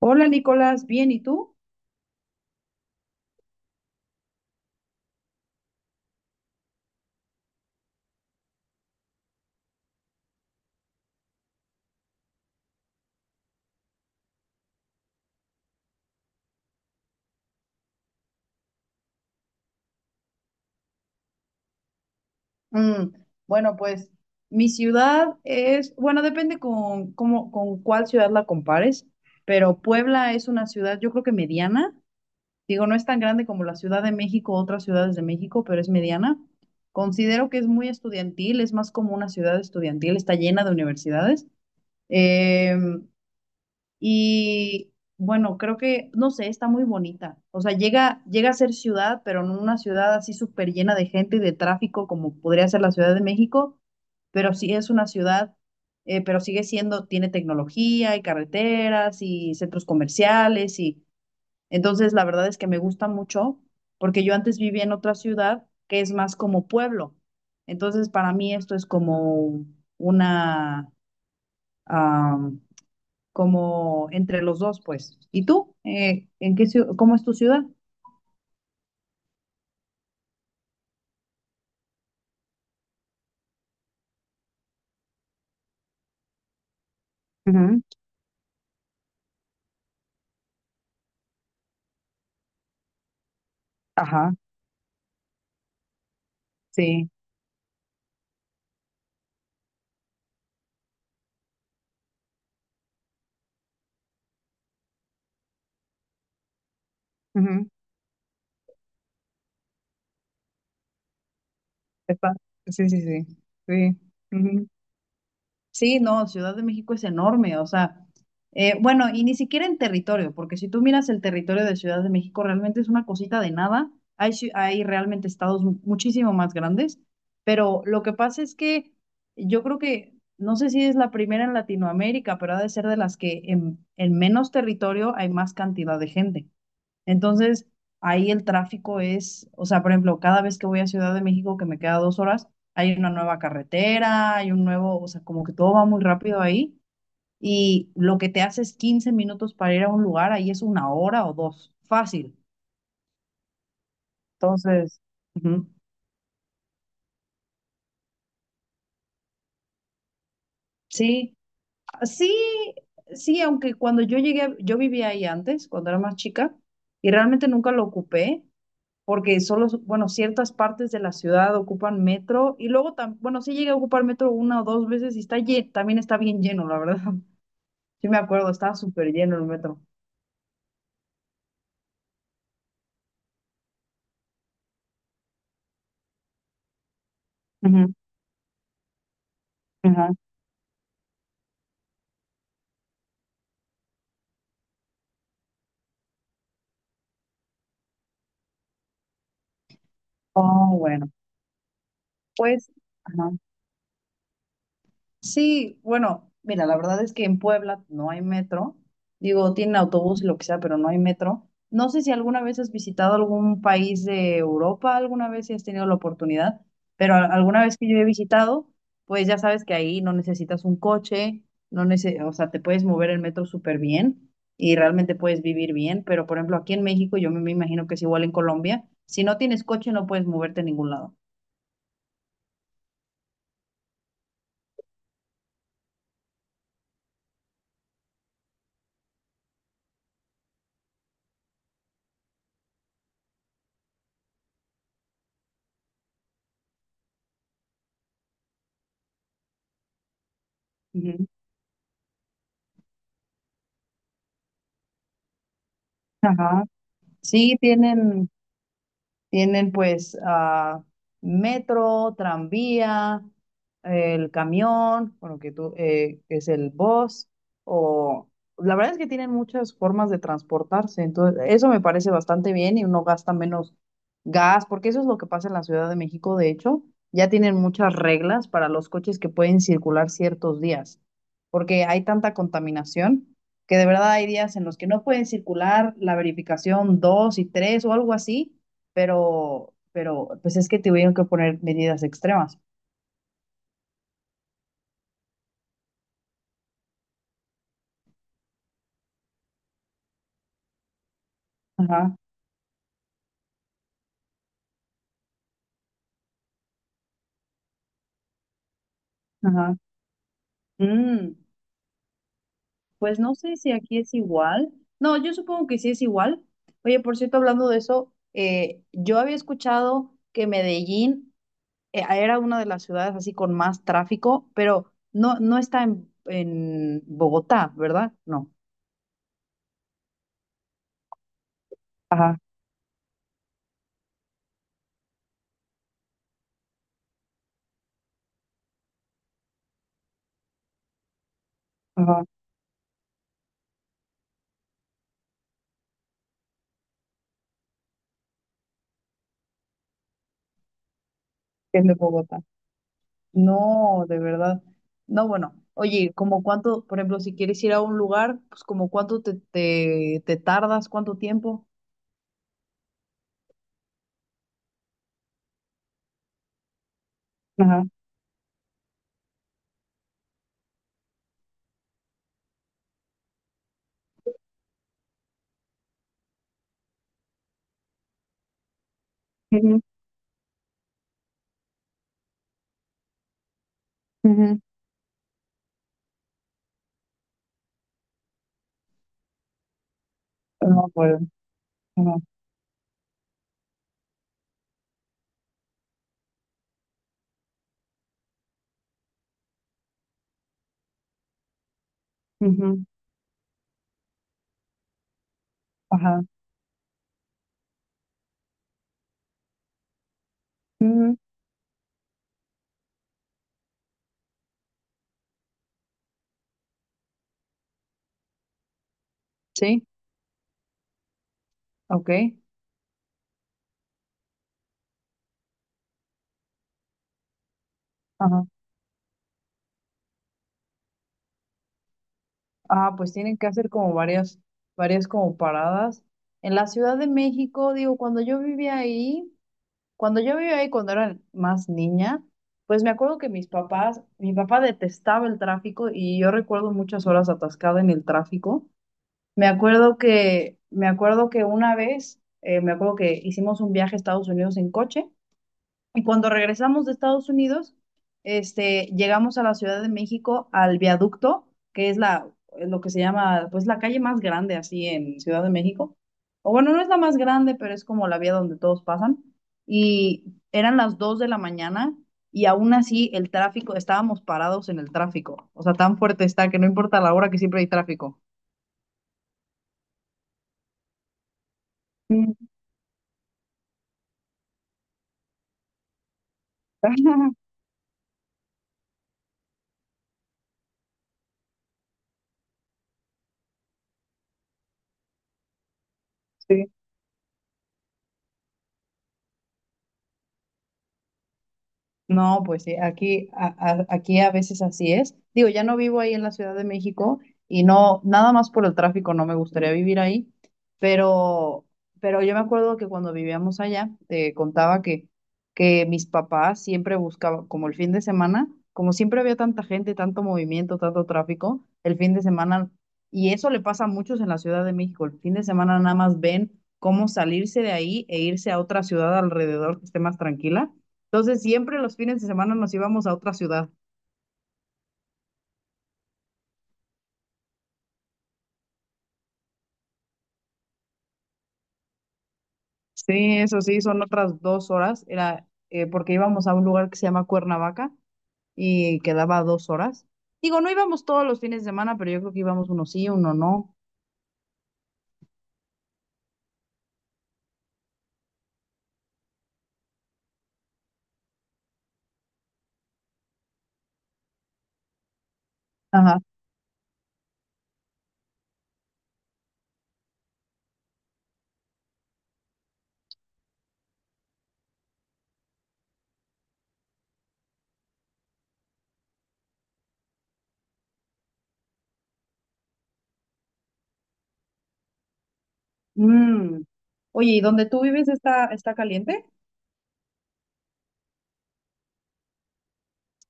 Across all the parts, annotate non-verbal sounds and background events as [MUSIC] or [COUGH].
Hola Nicolás, bien, ¿y tú? Mm, bueno, pues mi ciudad es, bueno, depende con, con cuál ciudad la compares, pero Puebla es una ciudad, yo creo que mediana. Digo, no es tan grande como la Ciudad de México o otras ciudades de México, pero es mediana. Considero que es muy estudiantil, es más como una ciudad estudiantil, está llena de universidades. Em, Y bueno, creo que, no sé, está muy bonita. O sea, llega a ser ciudad, pero no una ciudad así súper llena de gente y de tráfico como podría ser la Ciudad de México, pero sí es una ciudad, pero sigue siendo, tiene tecnología y carreteras y centros comerciales. Y entonces la verdad es que me gusta mucho porque yo antes vivía en otra ciudad que es más como pueblo. Entonces, para mí esto es como una, como entre los dos, pues. ¿Y tú? ¿En qué, cómo es tu ciudad? Ujú. Ajá, sí. Ujú, epa. Sí, sí, sí. Sí. Sí, no, Ciudad de México es enorme, o sea, bueno, y ni siquiera en territorio, porque si tú miras el territorio de Ciudad de México, realmente es una cosita de nada. Hay, hay realmente estados muchísimo más grandes, pero lo que pasa es que yo creo que, no sé si es la primera en Latinoamérica, pero ha de ser de las que en menos territorio hay más cantidad de gente. Entonces, ahí el tráfico es, o sea, por ejemplo, cada vez que voy a Ciudad de México, que me queda 2 horas, hay una nueva carretera, hay un nuevo, o sea, como que todo va muy rápido ahí. Y lo que te hace es 15 minutos para ir a un lugar, ahí es 1 hora o dos, fácil. Entonces, ujú. Sí, sí, sí, aunque cuando yo llegué, yo vivía ahí antes, cuando era más chica, y realmente nunca lo ocupé, porque solo, bueno, ciertas partes de la ciudad ocupan metro y luego, bueno, sí llegué a ocupar metro una o dos veces y está también está bien lleno, la verdad. [LAUGHS] Sí me acuerdo, estaba súper lleno el metro. Ujú, ajá. Oh, bueno, pues, ajá. Sí, bueno, mira, la verdad es que en Puebla no hay metro. Digo, tienen autobús y lo que sea, pero no hay metro. No sé si alguna vez has visitado algún país de Europa, alguna vez si has tenido la oportunidad, pero alguna vez que yo he visitado, pues ya sabes que ahí no necesitas un coche, no nece- o sea, te puedes mover el metro súper bien y realmente puedes vivir bien, pero por ejemplo, aquí en México, yo me imagino que es igual en Colombia, si no tienes coche no puedes moverte a ningún lado. Ujú. Ajá. Sí, tienen. Tienen pues ah, metro, tranvía, el camión, bueno, que tú, que es el bus, o la verdad es que tienen muchas formas de transportarse, entonces eso me parece bastante bien y uno gasta menos gas, porque eso es lo que pasa en la Ciudad de México, de hecho, ya tienen muchas reglas para los coches que pueden circular ciertos días, porque hay tanta contaminación que de verdad hay días en los que no pueden circular la verificación 2 y 3 o algo así, pero pues es que tuvieron que poner medidas extremas. Ajá, ajá. Mm, pues no sé si aquí es igual. No, yo supongo que sí es igual. Oye, por cierto, hablando de eso, yo había escuchado que Medellín era una de las ciudades así con más tráfico, pero no, no está en Bogotá, ¿verdad? No. Ajá, ajá, es de Bogotá. No, de verdad. No, bueno, oye, como cuánto, por ejemplo, si quieres ir a un lugar, pues como cuánto te tardas, cuánto tiempo. Ajá. Ujú, ujú. No puedo. Ajá. Ujú. Ajá. Ujú. Sí, ok. Ajá. Ah, pues tienen que hacer como varias como paradas. En la Ciudad de México, digo, cuando yo vivía ahí. Cuando yo vivía ahí, cuando era más niña, pues me acuerdo que mis papás, mi papá detestaba el tráfico y yo recuerdo muchas horas atascada en el tráfico. Me acuerdo que una vez, me acuerdo que hicimos un viaje a Estados Unidos en coche y cuando regresamos de Estados Unidos, este, llegamos a la Ciudad de México, al viaducto, que es la, lo que se llama, pues la calle más grande así en Ciudad de México. O bueno, no es la más grande, pero es como la vía donde todos pasan. Y eran las 2 de la mañana y aún así el tráfico, estábamos parados en el tráfico. O sea, tan fuerte está que no importa la hora que siempre hay tráfico. Mm. [LAUGHS] Sí, no, pues sí, aquí a, aquí a veces así es. Digo, ya no vivo ahí en la Ciudad de México y no, nada más por el tráfico no me gustaría vivir ahí, pero, pero yo me acuerdo que cuando vivíamos allá, te contaba que mis papás siempre buscaban, como el fin de semana, como siempre había tanta gente, tanto movimiento, tanto tráfico, el fin de semana, y eso le pasa a muchos en la Ciudad de México, el fin de semana nada más ven cómo salirse de ahí e irse a otra ciudad alrededor que esté más tranquila, entonces siempre los fines de semana nos íbamos a otra ciudad. Sí, eso sí, son otras 2 horas. Era porque íbamos a un lugar que se llama Cuernavaca y quedaba a 2 horas. Digo, no íbamos todos los fines de semana, pero yo creo que íbamos uno sí, uno no. Ajá. Mm. Oye, ¿y donde tú vives está, está caliente?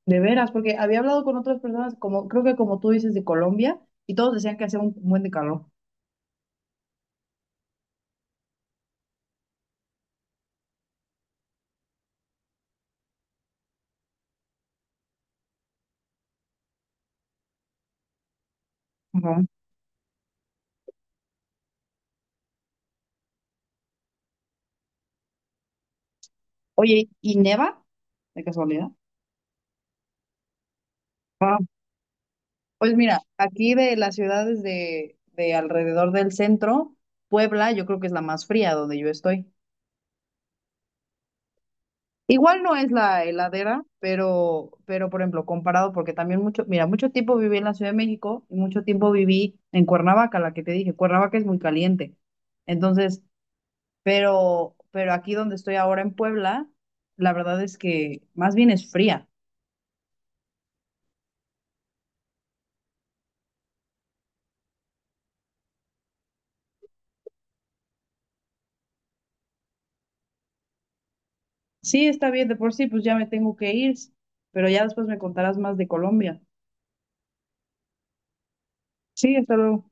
De veras, porque había hablado con otras personas, como creo que como tú dices, de Colombia, y todos decían que hacía un buen de calor. Ajá. Oye, ¿y neva? De casualidad. Pues mira, aquí de las ciudades de alrededor del centro, Puebla, yo creo que es la más fría donde yo estoy. Igual no es la heladera, pero por ejemplo, comparado, porque también mucho, mira, mucho tiempo viví en la Ciudad de México y mucho tiempo viví en Cuernavaca, la que te dije, Cuernavaca es muy caliente. Entonces, pero aquí donde estoy ahora en Puebla, la verdad es que más bien es fría. Sí, está bien, de por sí, pues ya me tengo que ir, pero ya después me contarás más de Colombia. Sí, hasta luego.